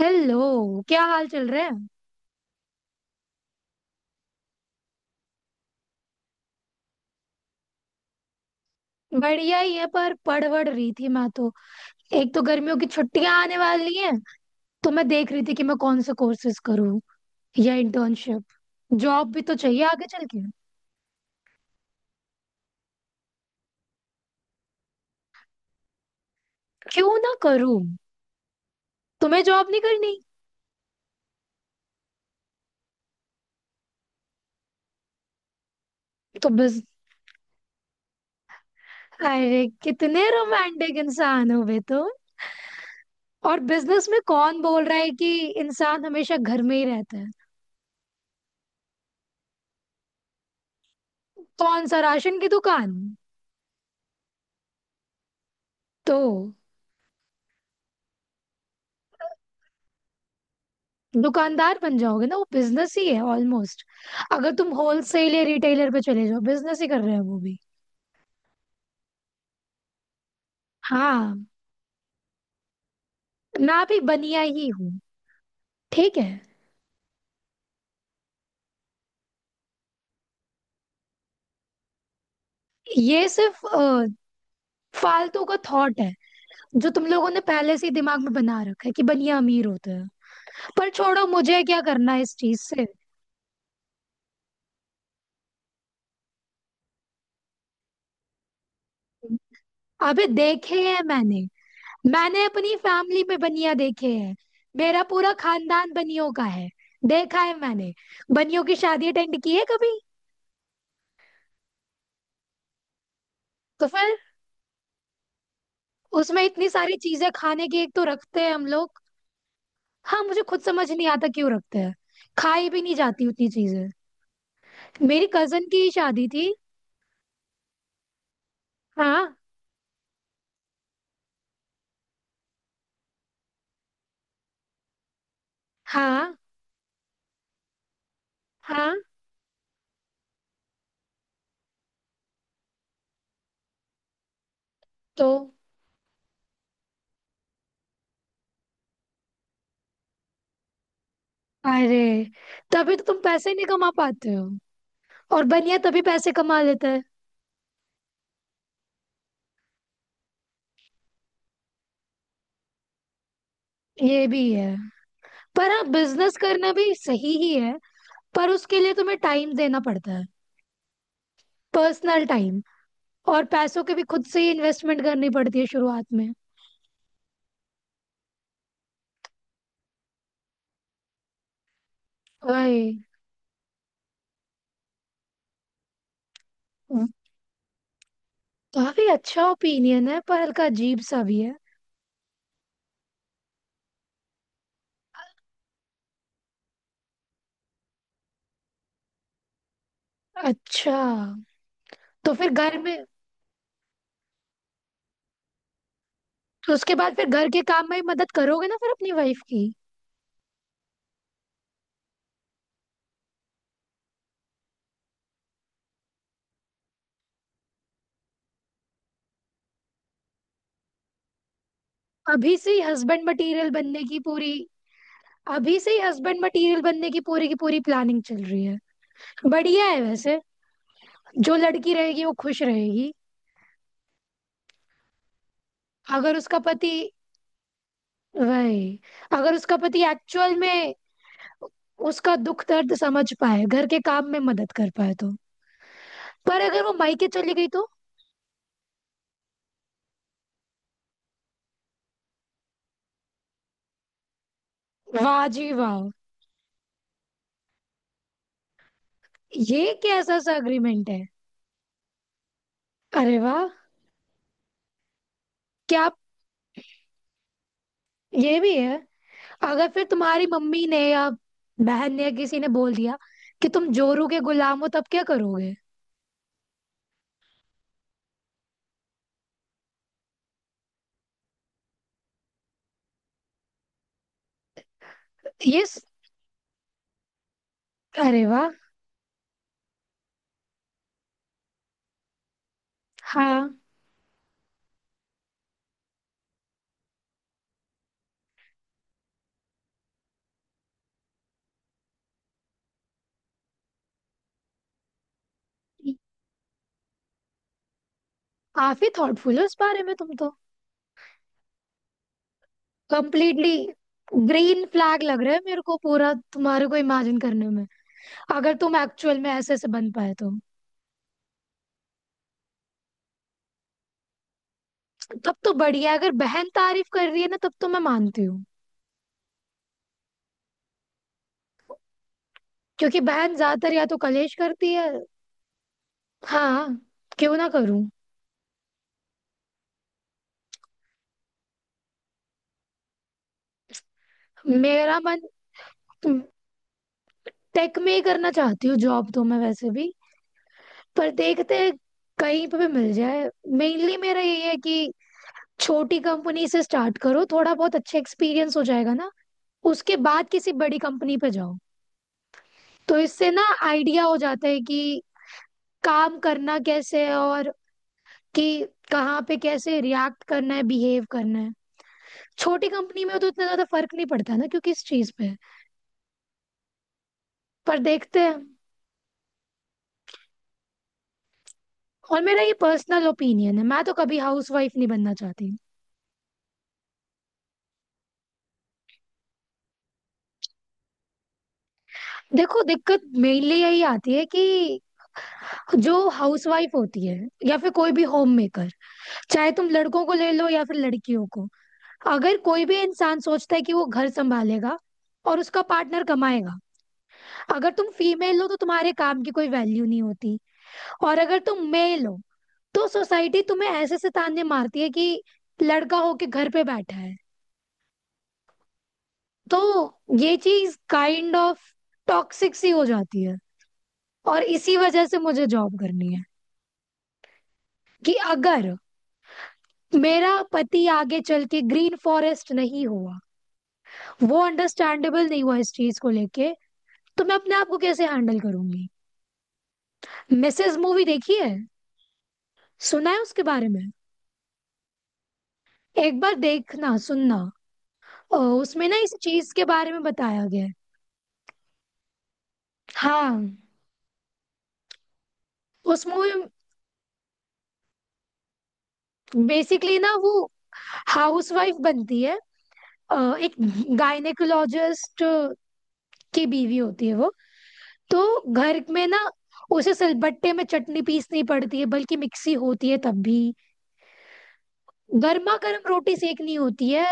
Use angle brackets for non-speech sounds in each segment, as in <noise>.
Hello, क्या हाल चल रहे हैं। बढ़िया ही है, पर पढ़ वढ़ रही थी मैं तो। एक तो गर्मियों की छुट्टियां आने वाली हैं, तो मैं देख रही थी कि मैं कौन से कोर्सेज करूँ या इंटर्नशिप। जॉब भी तो चाहिए आगे चल के। क्यों ना करूँ? तुम्हें जॉब नहीं करनी? तो बस। अरे कितने रोमांटिक इंसान हो बे तुम। और बिजनेस में कौन बोल रहा है कि इंसान हमेशा घर में ही रहता है। कौन सा, राशन की दुकान? तो दुकानदार बन जाओगे ना, वो बिजनेस ही है ऑलमोस्ट। अगर तुम होलसेल या रिटेलर पे चले जाओ, बिजनेस ही कर रहे हो वो भी। हाँ, मैं भी बनिया ही हूँ। ठीक है। ये सिर्फ फालतू का थॉट है। जो तुम लोगों ने पहले से ही दिमाग में बना रखा है कि बनिया अमीर होते हैं। पर छोड़ो, मुझे क्या करना है इस चीज से। अबे, देखे हैं मैंने। मैंने अपनी फैमिली में बनिया देखे हैं। मेरा पूरा खानदान बनियों का है। देखा है मैंने। बनियों की शादी अटेंड की है कभी? तो फिर उसमें इतनी सारी चीजें खाने की एक तो रखते हैं हम लोग। हाँ, मुझे खुद समझ नहीं आता क्यों रखते हैं। खाई भी नहीं जाती उतनी चीजें। मेरी कजन की शादी थी। हाँ, हाँ, हाँ। तो अरे, तभी तो तुम पैसे नहीं कमा पाते हो। और बनिया तभी पैसे कमा लेता है। ये भी है। पर हाँ, बिजनेस करना भी सही ही है। पर उसके लिए तुम्हें टाइम देना पड़ता है, पर्सनल टाइम। और पैसों के भी खुद से ही इन्वेस्टमेंट करनी पड़ती है शुरुआत में। वही। काफी अच्छा ओपिनियन है, पर हल्का अजीब सा भी है। अच्छा। तो फिर घर में, तो उसके बाद फिर घर के काम में ही मदद करोगे ना फिर अपनी वाइफ की। अभी से ही हस्बैंड मटेरियल बनने की पूरी अभी से ही हस्बैंड मटेरियल बनने की पूरी प्लानिंग चल रही है। बढ़िया है वैसे। जो लड़की रहेगी वो खुश रहेगी। अगर उसका पति, वही, अगर उसका पति एक्चुअल में उसका दुख दर्द समझ पाए, घर के काम में मदद कर पाए तो। पर अगर वो मायके चली गई तो? वाह जी वाह। ये कैसा सा अग्रीमेंट है? अरे वाह। क्या आप- ये भी है। अगर फिर तुम्हारी मम्मी ने या बहन ने या किसी ने बोल दिया कि तुम जोरू के गुलाम हो, तब क्या करोगे? ये स- अरे वाह। हाँ। काफी थॉटफुल हो इस बारे में तुम तो। कंप्लीटली। ग्रीन फ्लैग लग रहा है मेरे को पूरा तुम्हारे को इमेजिन करने में। अगर तुम एक्चुअल में ऐसे ऐसे बन पाए तो। तब तो बढ़िया है। अगर बहन तारीफ कर रही है ना, तब तो मैं मानती हूँ। क्योंकि बहन ज्यादातर या तो कलेश करती है। हाँ। क्यों ना करूं? मेरा मन टेक में ही करना चाहती हूँ जॉब तो मैं वैसे भी, पर देखते हैं, कहीं पे भी मिल जाए। मेनली मेरा यही है कि छोटी कंपनी से स्टार्ट करो, थोड़ा बहुत अच्छा एक्सपीरियंस हो जाएगा ना। उसके बाद किसी बड़ी कंपनी पे जाओ। तो इससे ना आइडिया हो जाता है कि काम करना कैसे है, और कि कहाँ पे कैसे रिएक्ट करना है, बिहेव करना है। छोटी कंपनी में तो इतना ज्यादा फर्क नहीं पड़ता ना क्योंकि इस चीज पे। पर देखते हैं। और मेरा ये पर्सनल ओपिनियन है, मैं तो कभी हाउसवाइफ नहीं बनना चाहती। देखो, दिक्कत मेनली यही आती है कि जो हाउसवाइफ होती है या फिर कोई भी होम मेकर, चाहे तुम लड़कों को ले लो या फिर लड़कियों को, अगर कोई भी इंसान सोचता है कि वो घर संभालेगा और उसका पार्टनर कमाएगा, अगर तुम फीमेल हो तो तुम्हारे काम की कोई वैल्यू नहीं होती। और अगर तुम मेल हो तो सोसाइटी तुम्हें ऐसे से ताने मारती है कि लड़का होके घर पे बैठा है। तो ये चीज काइंड ऑफ टॉक्सिक सी हो जाती है। और इसी वजह से मुझे जॉब करनी है कि अगर मेरा पति आगे चल के ग्रीन फॉरेस्ट नहीं हुआ, वो अंडरस्टैंडेबल नहीं हुआ इस चीज को लेके, तो मैं अपने आप को कैसे हैंडल करूंगी। मिसेज मूवी देखी है? सुना है उसके बारे में? एक बार देखना सुनना। उसमें ना इस चीज के बारे में बताया गया है। हाँ। उस मूवी, बेसिकली ना, वो हाउसवाइफ बनती है। अ, एक गायनेकोलॉजिस्ट की बीवी होती है वो। तो घर में ना उसे सिलबट्टे में चटनी पीसनी पड़ती है, बल्कि मिक्सी होती है तब भी। गर्मा गर्म रोटी सेकनी होती है,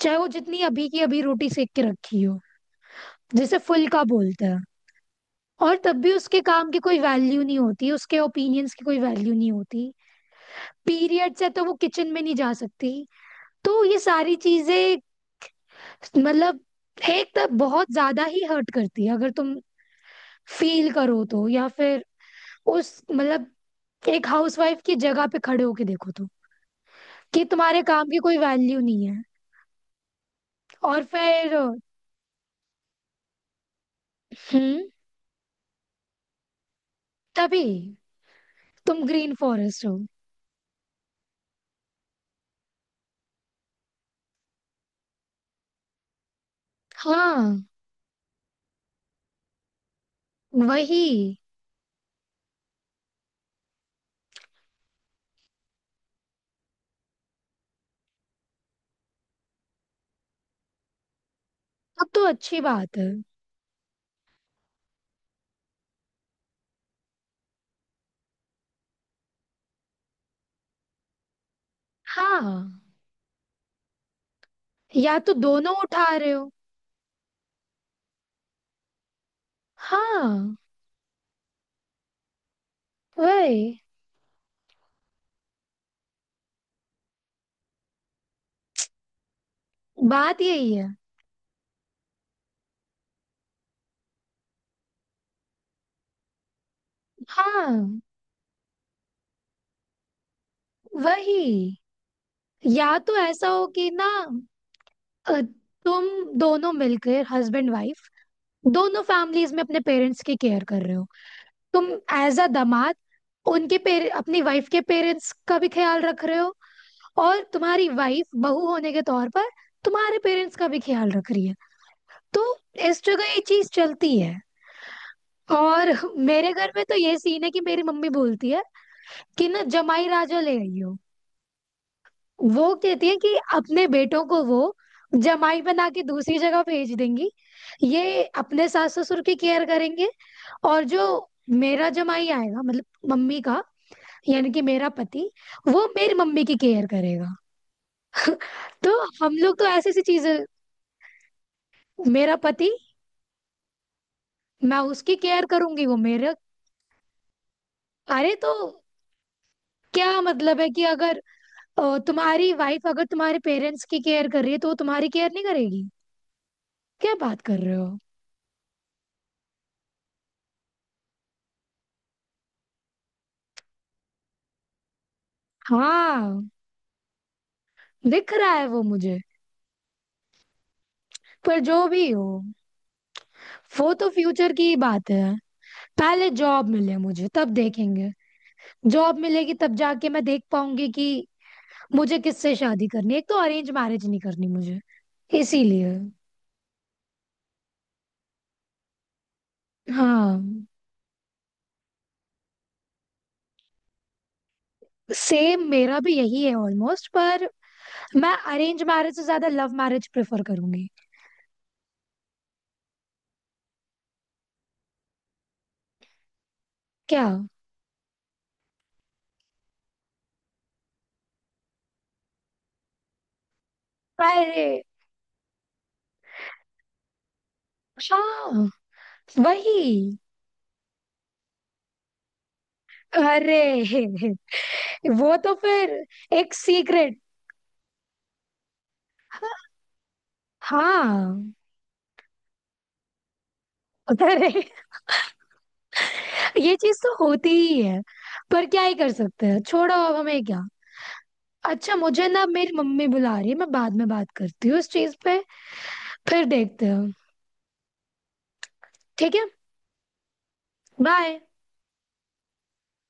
चाहे वो जितनी अभी की अभी रोटी सेक के रखी हो, जिसे फुल्का बोलते हैं। और तब भी उसके काम की कोई वैल्यू नहीं होती, उसके ओपिनियंस की कोई वैल्यू नहीं होती। पीरियड्स है तो वो किचन में नहीं जा सकती। तो ये सारी चीजें, मतलब, एक तो बहुत ज्यादा ही हर्ट करती है अगर तुम फील करो तो, या फिर उस मतलब एक हाउसवाइफ की जगह पे खड़े होके देखो तो कि तुम्हारे काम की कोई वैल्यू नहीं है। और फिर, हम्म, तभी तुम ग्रीन फॉरेस्ट हो। हाँ, वही। अब तो अच्छी बात है। हाँ। या तो दोनों उठा रहे हो। हाँ, वही। बात यही है। हाँ, वही। या तो ऐसा हो कि ना, अ, तुम दोनों मिलकर हस्बैंड वाइफ दोनों फैमिलीज में अपने पेरेंट्स की केयर कर रहे हो। तुम एज अ दामाद उनके अपनी वाइफ के पेरेंट्स का भी ख्याल रख रहे हो। और तुम्हारी वाइफ बहू होने के तौर पर तुम्हारे पेरेंट्स का भी ख्याल रख रही है। तो इस जगह ये चीज चलती है। और मेरे घर में तो ये सीन है कि मेरी मम्मी बोलती है कि ना, जमाई राजा ले आई हो। वो कहती है कि अपने बेटों को वो जमाई बना के दूसरी जगह भेज देंगी, ये अपने सास ससुर की केयर करेंगे। और जो मेरा जमाई आएगा, मतलब मम्मी का, यानी कि मेरा पति, वो मेरी मम्मी की केयर करेगा। तो हम लोग तो ऐसी सी चीजें। मेरा पति। मैं उसकी केयर करूंगी, वो मेरा। अरे तो क्या मतलब है कि अगर तुम्हारी वाइफ अगर तुम्हारे पेरेंट्स की केयर कर रही है तो वो तुम्हारी केयर नहीं करेगी। क्या बात कर रहे हो। हाँ, दिख रहा है वो मुझे। पर जो भी हो, वो तो फ्यूचर की ही बात है। पहले जॉब मिले मुझे तब देखेंगे। जॉब मिलेगी तब जाके मैं देख पाऊंगी कि मुझे किससे शादी करनी है। एक तो अरेंज मैरिज नहीं करनी मुझे, इसीलिए। हाँ। सेम मेरा भी यही है ऑलमोस्ट, पर मैं अरेंज मैरिज से ज्यादा लव मैरिज प्रेफर करूंगी। क्या? अरे। हाँ, वही। अरे <laughs> वो तो फिर एक सीक्रेट। हाँ। अरे, ये चीज तो होती ही है। पर क्या ही कर सकते हैं, छोड़ो अब हमें क्या। अच्छा, मुझे ना, मेरी मम्मी बुला रही है, मैं बाद में बात करती हूँ इस चीज पे। फिर देखते हैं। ठीक है। बाय।